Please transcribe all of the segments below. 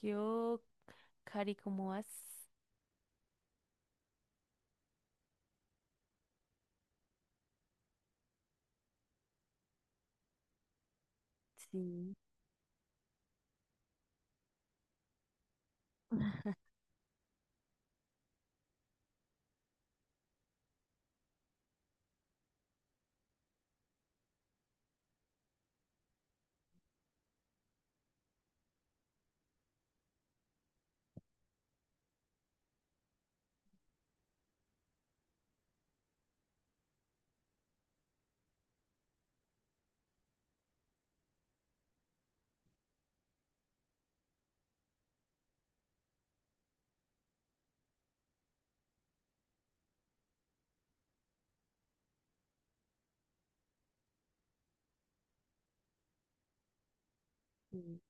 Yo, Cari, ¿cómo vas? Sí, sí,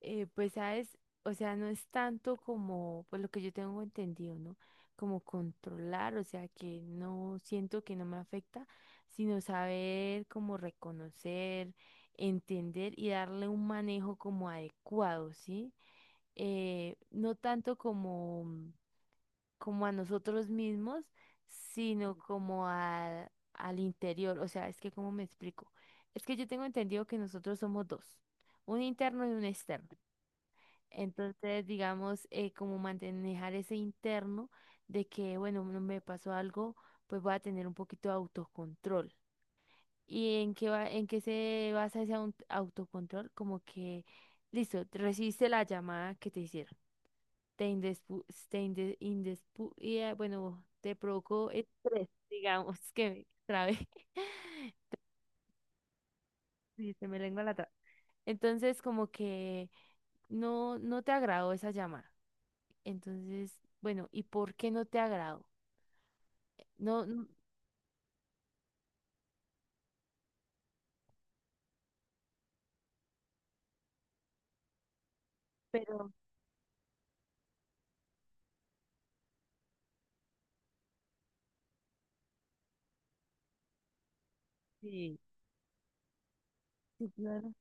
Pues sabes, o sea, no es tanto como, pues lo que yo tengo entendido, ¿no? Como controlar, o sea, que no siento que no me afecta, sino saber como reconocer, entender y darle un manejo como adecuado, ¿sí? No tanto como a nosotros mismos, sino como al interior. O sea, es que, ¿cómo me explico? Es que yo tengo entendido que nosotros somos dos, un interno y un externo. Entonces, digamos, como manejar ese interno de que, bueno, no me pasó algo, pues voy a tener un poquito de autocontrol. ¿Y en qué va, en qué se basa ese autocontrol? Como que, listo, recibiste la llamada que te hicieron te y, bueno, te provocó estrés, digamos que me trabé. Sí, se me lengua la traba. Entonces, como que no, no te agradó esa llamada. Entonces, bueno, ¿y por qué no te agradó? No, no, pero sí, sí, claro.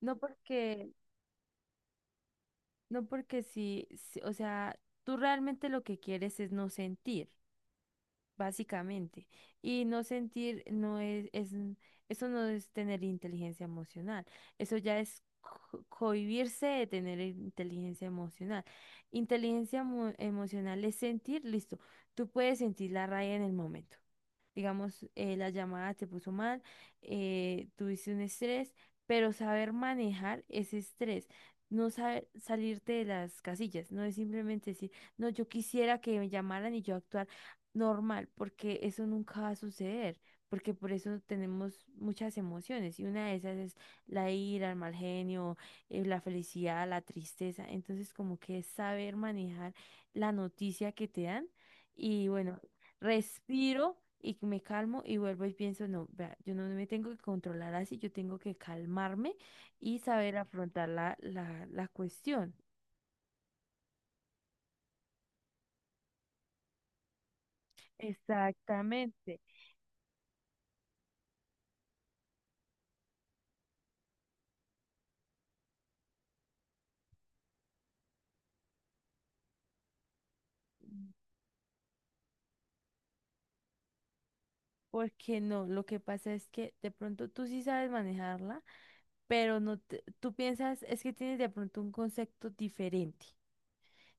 No porque, no porque sí, sí, o sea, tú realmente lo que quieres es no sentir. Básicamente. Y no sentir es, eso no es tener inteligencia emocional. Eso ya es cohibirse de tener inteligencia emocional. Inteligencia emocional es sentir, listo. Tú puedes sentir la raya en el momento digamos, la llamada te puso mal, tuviste un estrés, pero saber manejar ese estrés, no saber salirte de las casillas, no es simplemente decir, no, yo quisiera que me llamaran y yo actuar normal, porque eso nunca va a suceder. Porque por eso tenemos muchas emociones y una de esas es la ira, el mal genio, la felicidad, la tristeza. Entonces como que es saber manejar la noticia que te dan y bueno, respiro y me calmo y vuelvo y pienso, no, vea, yo no me tengo que controlar así, yo tengo que calmarme y saber afrontar la cuestión. Exactamente. Porque no, lo que pasa es que de pronto tú sí sabes manejarla, pero no te- tú piensas, es que tienes de pronto un concepto diferente.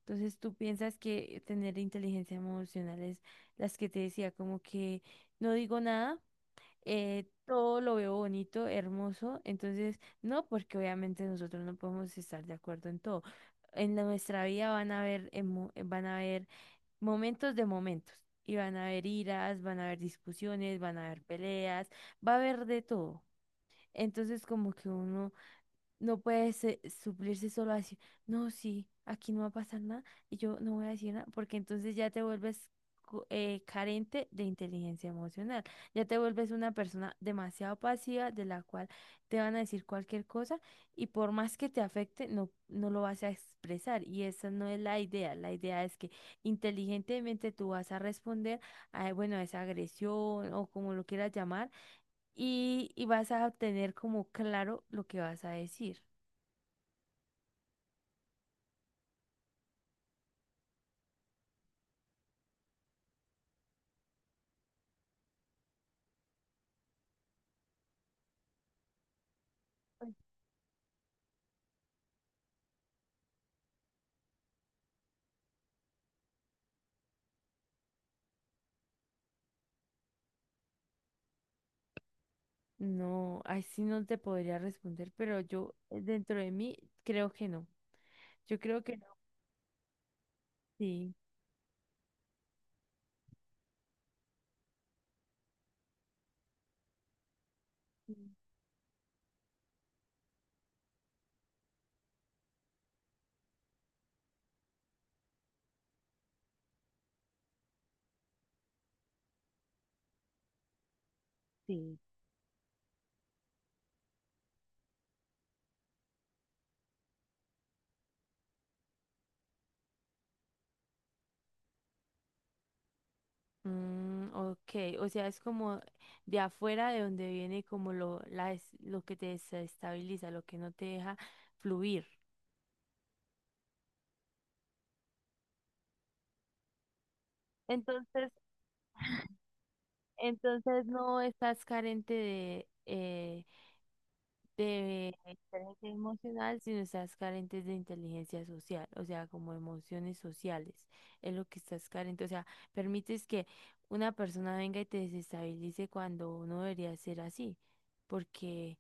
Entonces tú piensas que tener inteligencia emocional es las que te decía, como que no digo nada todo lo veo bonito, hermoso. Entonces, no, porque obviamente nosotros no podemos estar de acuerdo en todo. En nuestra vida van a haber, van a haber momentos de momentos. Y van a haber iras, van a haber discusiones, van a haber peleas, va a haber de todo. Entonces, como que uno no puede suplirse solo así. No, sí, aquí no va a pasar nada y yo no voy a decir nada, porque entonces ya te vuelves carente de inteligencia emocional. Ya te vuelves una persona demasiado pasiva de la cual te van a decir cualquier cosa y por más que te afecte, no, no lo vas a expresar. Y esa no es la idea. La idea es que inteligentemente tú vas a responder a, bueno, a esa agresión o como lo quieras llamar y vas a tener como claro lo que vas a decir. No, así no te podría responder, pero yo dentro de mí creo que no. Yo creo que no. Sí. Mm, sí. Mm, ok, o sea, es como de afuera de donde viene como lo que te desestabiliza, lo que no te deja fluir. Entonces, entonces no estás carente de, de inteligencia emocional, sino estás carentes de inteligencia social, o sea, como emociones sociales, es lo que estás carente, o sea, permites que una persona venga y te desestabilice cuando no debería ser así, porque,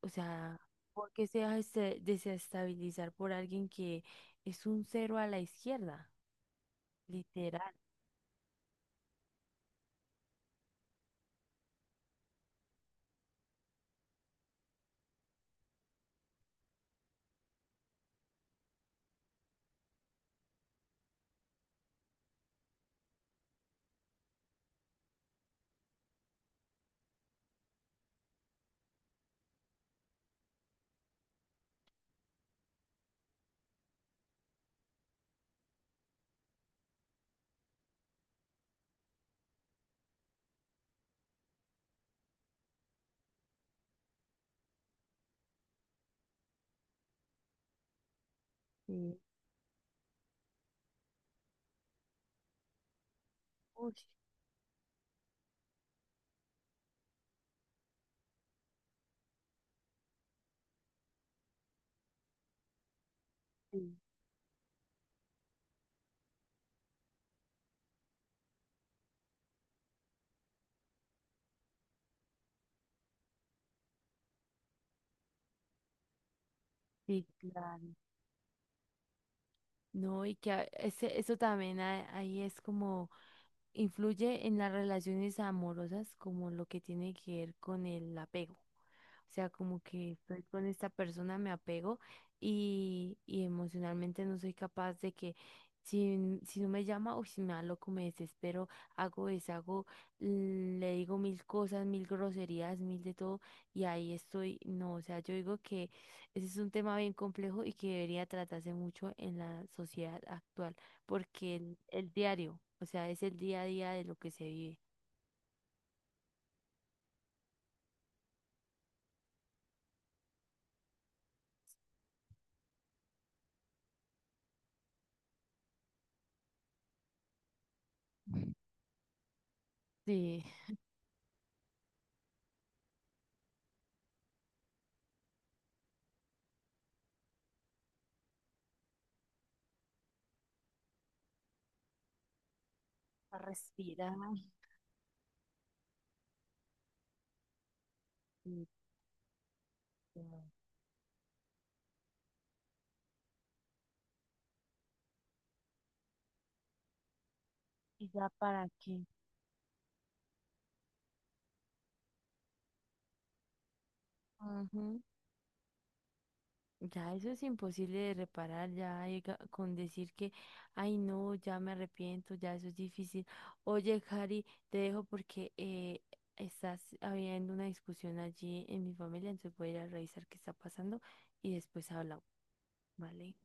o sea, porque se deja desestabilizar por alguien que es un cero a la izquierda, literal. Sí. Uy, sí, sí, claro. No, y que ese, eso también ahí es como influye en las relaciones amorosas como lo que tiene que ver con el apego. O sea, como que estoy con esta persona, me apego y emocionalmente no soy capaz de que si, si no me llama o si me da loco, me desespero, hago, deshago, le digo mil cosas, mil groserías, mil de todo y ahí estoy. No, o sea, yo digo que ese es un tema bien complejo y que debería tratarse mucho en la sociedad actual porque el diario, o sea, es el día a día de lo que se vive. Sí, a respirar y, ya y ya para qué. Ujú. Ya eso es imposible de reparar, ya con decir que, ay no, ya me arrepiento, ya eso es difícil. Oye, Cari, te dejo porque estás habiendo una discusión allí en mi familia, entonces voy a ir a revisar qué está pasando y después hablamos, ¿vale?